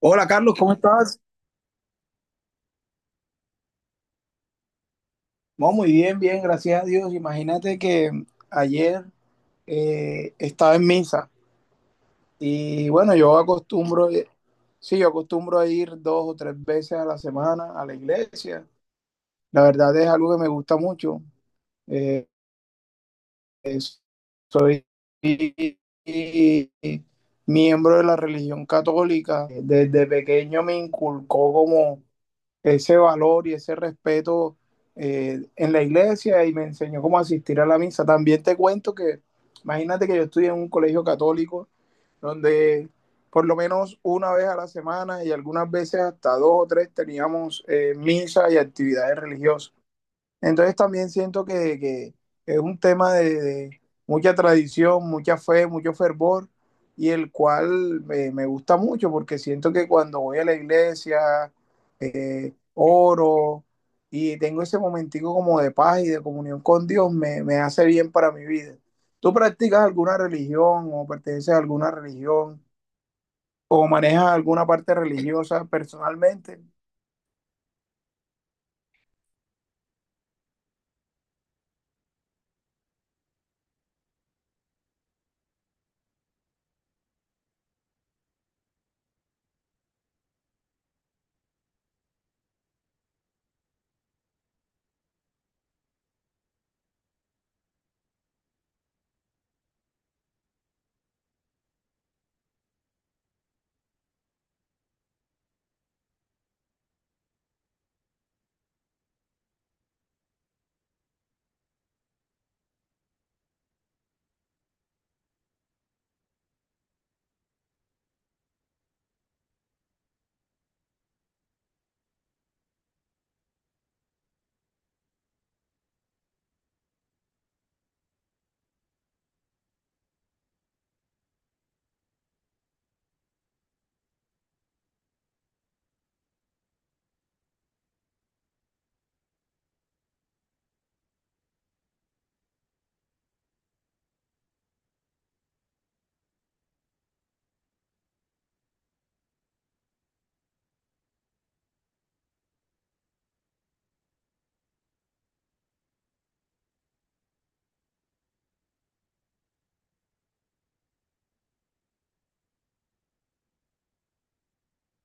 Hola Carlos, ¿cómo estás? No, muy bien, bien, gracias a Dios. Imagínate que ayer estaba en misa y bueno, yo acostumbro, sí, yo acostumbro a ir dos o tres veces a la semana a la iglesia. La verdad es algo que me gusta mucho. Eh, Soy miembro de la religión católica. Desde pequeño me inculcó como ese valor y ese respeto en la iglesia y me enseñó cómo asistir a la misa. También te cuento que, imagínate que yo estudié en un colegio católico donde por lo menos una vez a la semana y algunas veces hasta dos o tres teníamos misa y actividades religiosas. Entonces también siento que es un tema de mucha tradición, mucha fe, mucho fervor, y el cual me gusta mucho porque siento que cuando voy a la iglesia, oro y tengo ese momentico como de paz y de comunión con Dios, me hace bien para mi vida. ¿Tú practicas alguna religión o perteneces a alguna religión o manejas alguna parte religiosa personalmente?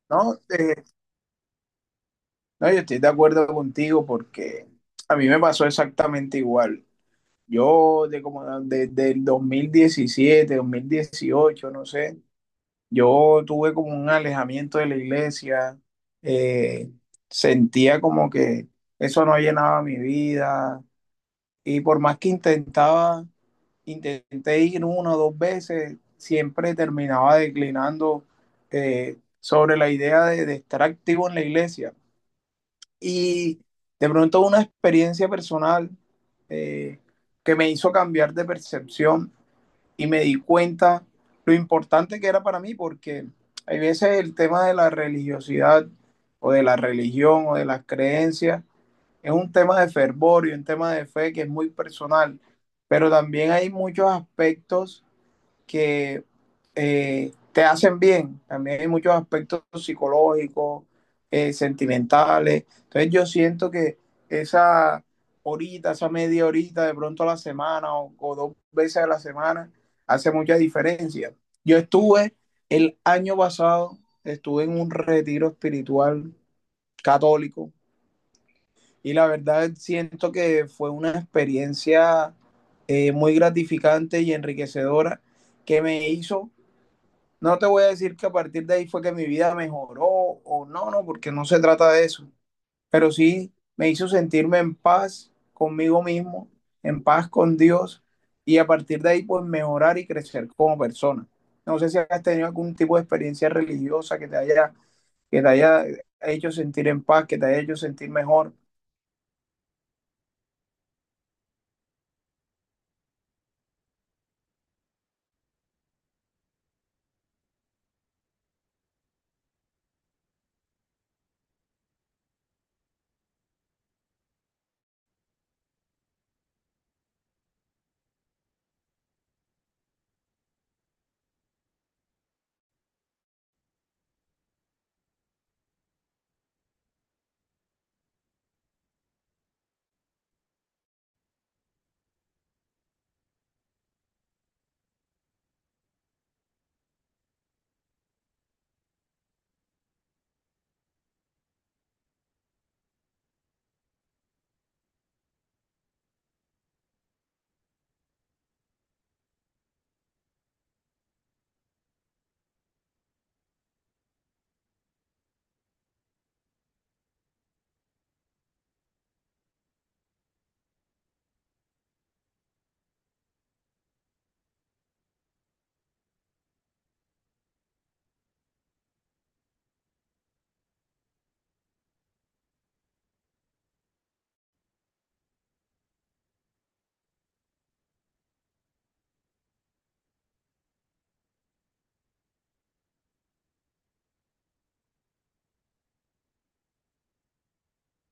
¿No? No, yo estoy de acuerdo contigo porque a mí me pasó exactamente igual. Yo de como desde el dos mil diecisiete, 2018, no sé, yo tuve como un alejamiento de la iglesia, eh, sentía como que eso no llenaba mi vida y por más que intentaba, intenté ir una o dos veces, siempre terminaba declinando sobre la idea de estar activo en la iglesia y de pronto una experiencia personal, eh, que me hizo cambiar de percepción y me di cuenta lo importante que era para mí, porque hay veces el tema de la religiosidad o de la religión o de las creencias es un tema de fervor y un tema de fe que es muy personal, pero también hay muchos aspectos que te hacen bien. También hay muchos aspectos psicológicos, sentimentales. Entonces yo siento que esa horita, esa media horita, de pronto a la semana o dos veces a la semana, hace mucha diferencia. Yo estuve el año pasado, estuve en un retiro espiritual católico y la verdad siento que fue una experiencia muy gratificante y enriquecedora que me hizo, no te voy a decir que a partir de ahí fue que mi vida mejoró o no, no, porque no se trata de eso. Pero sí me hizo sentirme en paz conmigo mismo, en paz con Dios y a partir de ahí pues mejorar y crecer como persona. No sé si has tenido algún tipo de experiencia religiosa que te haya hecho sentir en paz, que te haya hecho sentir mejor.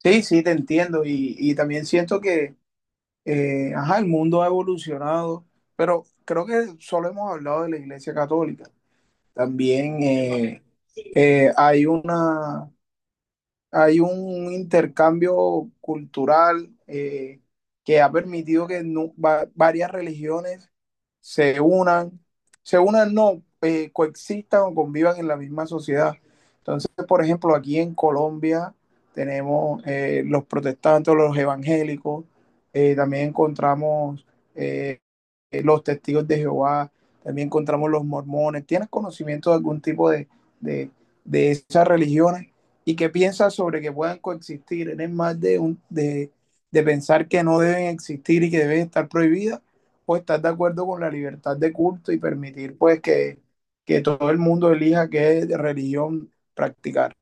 Sí, sí, te entiendo y también siento que, ajá, el mundo ha evolucionado, pero creo que solo hemos hablado de la Iglesia Católica. También hay una, hay un intercambio cultural que ha permitido que varias religiones se unan, se unan no, coexistan o convivan en la misma sociedad. Entonces, por ejemplo, aquí en Colombia tenemos los protestantes, los evangélicos, también encontramos eh, los testigos de Jehová, también encontramos los mormones. ¿Tienes conocimiento de algún tipo de, de esas religiones? ¿Y qué piensas sobre que puedan coexistir? ¿Eres más de, un, de pensar que no deben existir y que deben estar prohibidas? ¿O estás de acuerdo con la libertad de culto y permitir pues que todo el mundo elija qué religión practicar?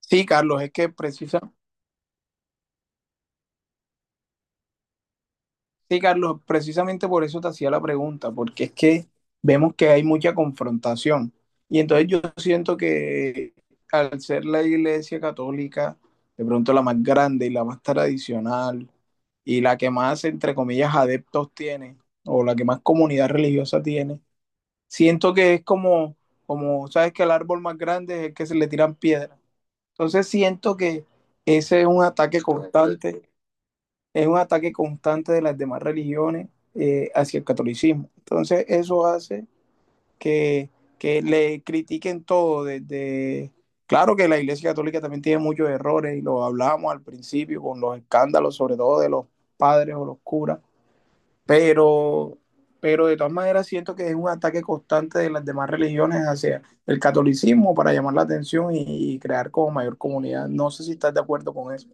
Sí, Carlos, es que precisamente... Sí, Carlos, precisamente por eso te hacía la pregunta, porque es que vemos que hay mucha confrontación. Y entonces yo siento que al ser la iglesia católica, de pronto la más grande y la más tradicional, y la que más, entre comillas, adeptos tiene, o la que más comunidad religiosa tiene, siento que es como, como, sabes que el árbol más grande es el que se le tiran piedras. Entonces siento que ese es un ataque constante, es un ataque constante de las demás religiones hacia el catolicismo. Entonces eso hace que, que le critiquen todo desde... Claro que la Iglesia Católica también tiene muchos errores y lo hablamos al principio con los escándalos, sobre todo de los padres o los curas, pero, pero de todas maneras siento que es un ataque constante de las demás religiones hacia el catolicismo para llamar la atención y crear como mayor comunidad. No sé si estás de acuerdo con eso.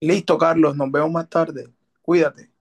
Listo, Carlos, nos vemos más tarde. Cuídate.